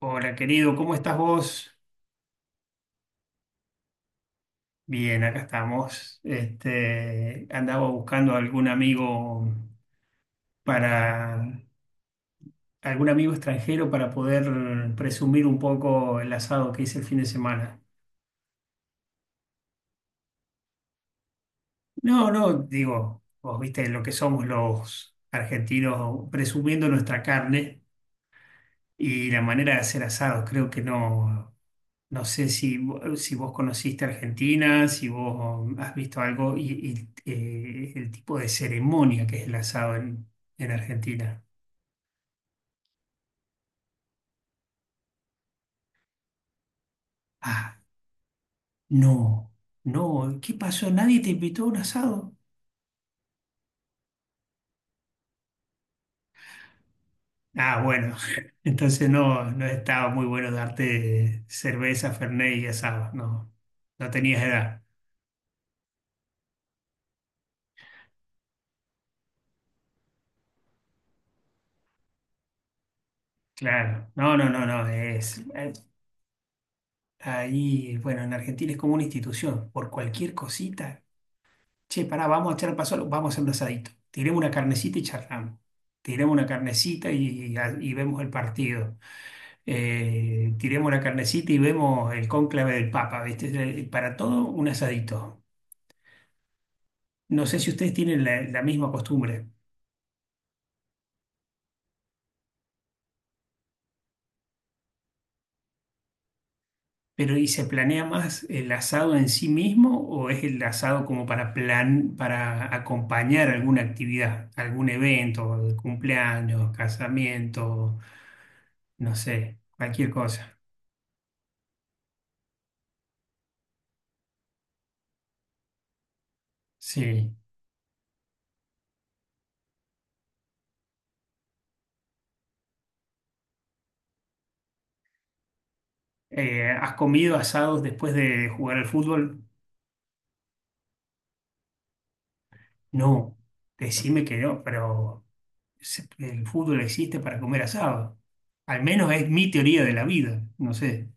Hola, querido, ¿cómo estás vos? Bien, acá estamos. Andaba buscando para algún amigo extranjero para poder presumir un poco el asado que hice el fin de semana. No, no, digo, vos viste lo que somos los argentinos presumiendo nuestra carne y la manera de hacer asados. Creo que no. No sé si, si vos conociste Argentina, si vos has visto algo y el tipo de ceremonia que es el asado en Argentina. Ah, no, no, ¿qué pasó? ¿Nadie te invitó a un asado? Ah, bueno, entonces no, no estaba muy bueno darte cerveza, fernet y asado, no, no tenías edad, claro. No, no, no, no, ahí, bueno, en Argentina es como una institución, por cualquier cosita. Che, pará, vamos a echar a paso, vamos a hacer un asadito. Tiremos una carnecita y charlamos. Tiremos una carnecita y vemos el partido. Tiremos una carnecita y vemos el cónclave del Papa, ¿viste? Para todo, un asadito. No sé si ustedes tienen la misma costumbre, pero ¿y se planea más el asado en sí mismo o es el asado como para acompañar alguna actividad, algún evento, cumpleaños, casamiento, no sé, cualquier cosa? Sí. ¿Has comido asados después de jugar al fútbol? No, decime que no, pero el fútbol existe para comer asado. Al menos es mi teoría de la vida, no sé.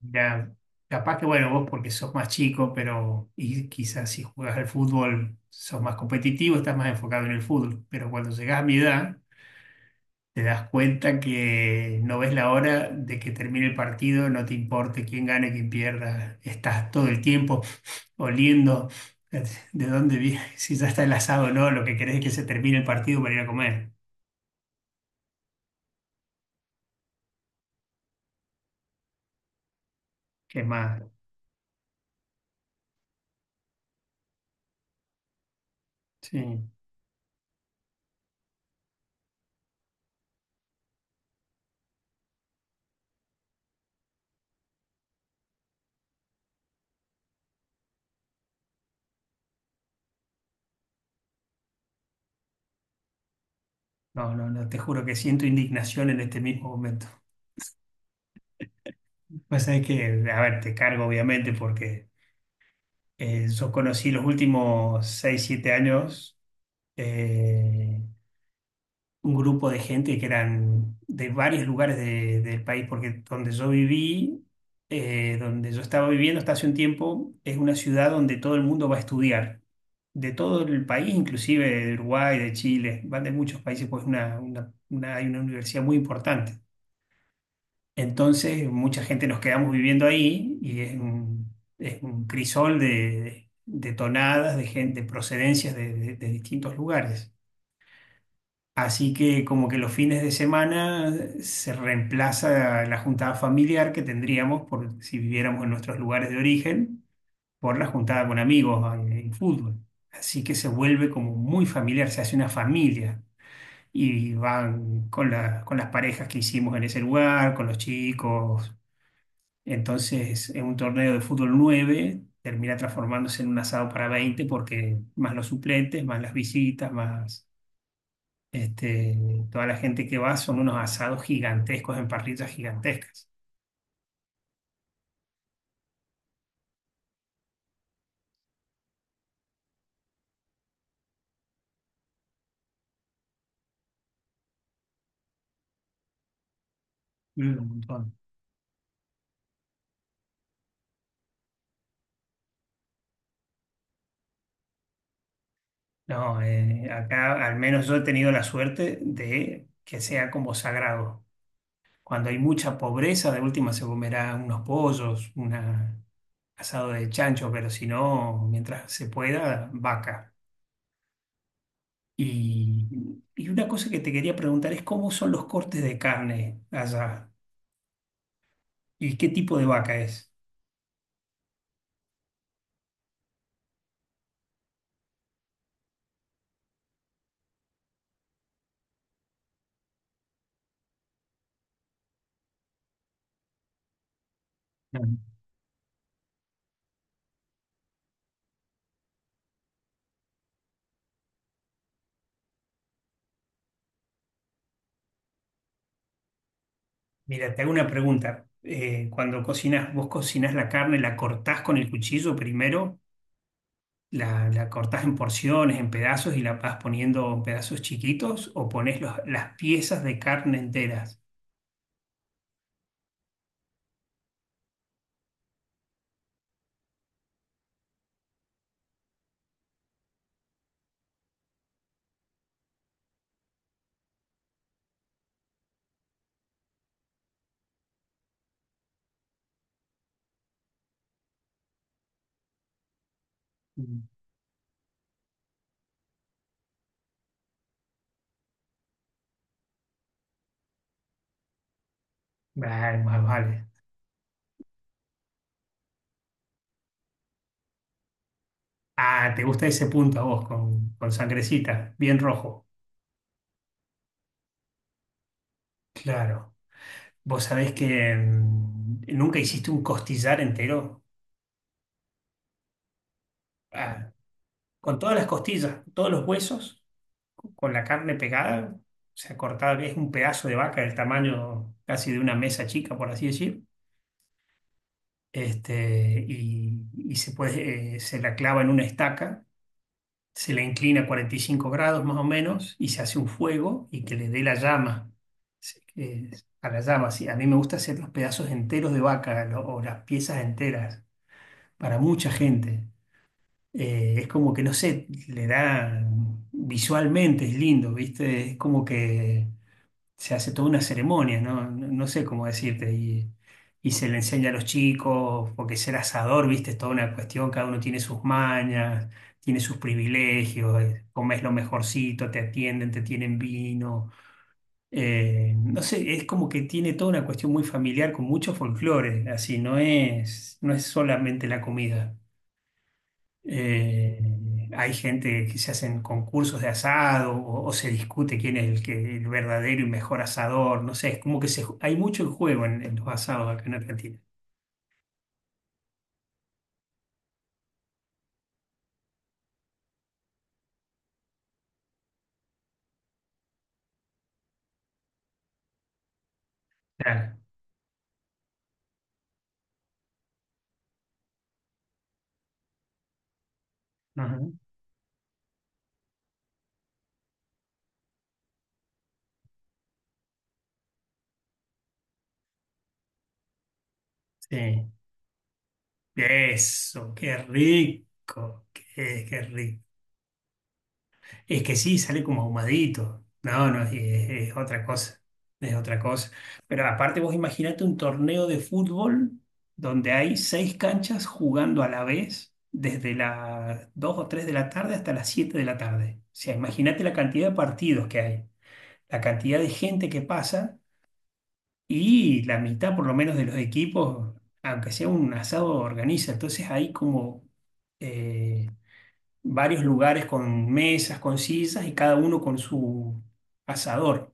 Ya, capaz que bueno, vos porque sos más chico, pero y quizás si juegas al fútbol sos más competitivo, estás más enfocado en el fútbol, pero cuando llegás a mi edad te das cuenta que no ves la hora de que termine el partido, no te importe quién gane, quién pierda. Estás todo el tiempo oliendo eh, de dónde viene, si ya está el asado o no, lo que querés es que se termine el partido para ir a comer. ¿Qué más? Sí. No, no, no, te juro que siento indignación en este mismo momento. Pues es que, a ver, te cargo obviamente porque yo conocí los últimos 6 7 años. eh, un grupo de gente que eran de varios lugares del país, porque donde yo viví, donde yo estaba viviendo hasta hace un tiempo, es una ciudad donde todo el mundo va a estudiar, de todo el país, inclusive de Uruguay, de Chile, van de muchos países, pues hay una universidad muy importante. Entonces, mucha gente nos quedamos viviendo ahí y es un crisol de tonadas, de gente, de procedencias de distintos lugares. Así que como que los fines de semana se reemplaza la juntada familiar que tendríamos por si viviéramos en nuestros lugares de origen por la juntada con amigos en, fútbol. Así que se vuelve como muy familiar, se hace una familia y van con con las parejas que hicimos en ese lugar, con los chicos. Entonces, en un torneo de fútbol 9, termina transformándose en un asado para 20 porque más los suplentes, más las visitas, más este, toda la gente que va son unos asados gigantescos en parrillas gigantescas. Mm, un montón. No, acá al menos yo he tenido la suerte de que sea como sagrado. Cuando hay mucha pobreza, de última se comerá unos pollos, un asado de chancho, pero si no, mientras se pueda, vaca. Y una cosa que te quería preguntar es cómo son los cortes de carne allá y qué tipo de vaca es. Mira, te hago una pregunta. Cuando cocinas, vos cocinás la carne, ¿la cortás con el cuchillo primero? ¿La cortás en porciones, en pedazos y la vas poniendo en pedazos chiquitos? ¿O pones las piezas de carne enteras? Mm. Vale, vale, vale. Ah, te gusta ese punto a vos, con sangrecita, bien rojo. Claro. Vos sabés que nunca hiciste un costillar entero. Ah, con todas las costillas, todos los huesos, con la carne pegada, o sea, cortada, es un pedazo de vaca del tamaño casi de una mesa chica, por así decir. Y, se puede, se la clava en una estaca, se la inclina a 45 grados más o menos y se hace un fuego y que le dé la llama, se- eh, a la llama, sí. A mí me gusta hacer los pedazos enteros de vaca o las piezas enteras para mucha gente. Es como que, no sé, le da visualmente, es lindo, ¿viste? Es como que se hace toda una ceremonia, ¿no? No, no sé cómo decirte. Y se le enseña a los chicos, porque ser asador, viste, es toda una cuestión, cada uno tiene sus mañas, tiene sus privilegios, comes lo mejorcito, te atienden, te tienen vino. No sé, es como que tiene toda una cuestión muy familiar con mucho folclore, así, no es solamente la comida. Eh, hay gente que se hacen concursos de asado o se discute quién es el verdadero y mejor asador. No sé, es como que hay mucho en juego en los asados acá en Argentina. Claro. Ajá, sí. Eso, qué rico, qué rico. Es que sí, sale como ahumadito. No, no, es otra cosa. Es otra cosa. Pero aparte, vos imaginate un torneo de fútbol donde hay seis canchas jugando a la vez desde las 2 o 3 de la tarde hasta las 7 de la tarde. O sea, imagínate la cantidad de partidos que hay, la cantidad de gente que pasa y la mitad por lo menos de los equipos, aunque sea un asado, organiza. Entonces hay como eh, varios lugares con mesas, con sillas y cada uno con su asador.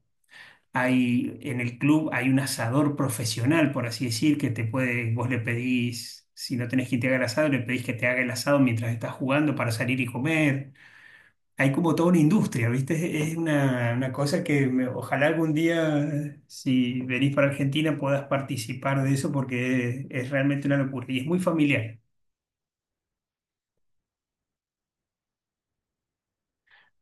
En el club hay un asador profesional, por así decir, que te puede, vos le pedís, si no tenés quien te haga el asado, le pedís que te haga el asado mientras estás jugando para salir y comer. Hay como toda una industria, ¿viste? Es una cosa que ojalá algún día, si venís para Argentina, puedas participar de eso porque es realmente una locura y es muy familiar.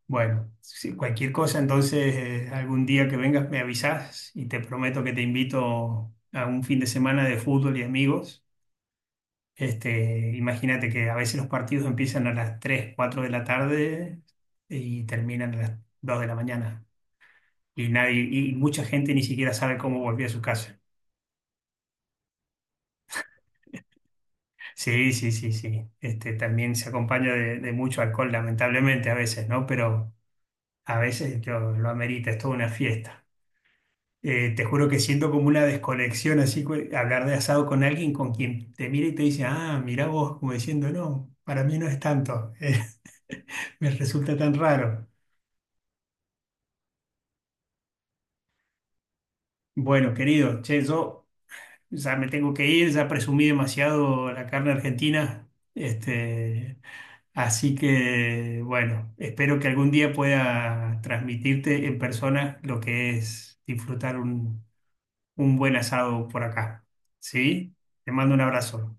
Bueno, si cualquier cosa, entonces algún día que vengas me avisas y te prometo que te invito a un fin de semana de fútbol y amigos. Imagínate que a veces los partidos empiezan a las 3, 4 de la tarde y terminan a las 2 de la mañana. Y nadie, y mucha gente ni siquiera sabe cómo volvió a su casa. Sí, sí, sí, sí. También se acompaña de mucho alcohol, lamentablemente a veces, ¿no? Pero a veces lo amerita, es toda una fiesta. Te juro que siento como una desconexión así, hablar de asado con alguien con quien te mira y te dice, ah, mirá vos, como diciendo, no, para mí no es tanto. Eh, me resulta tan raro. Bueno, querido, che, yo ya me tengo que ir, ya presumí demasiado la carne argentina, este, así que, bueno, espero que algún día pueda transmitirte en persona lo que es disfrutar un, buen asado por acá, ¿sí? Te mando un abrazo.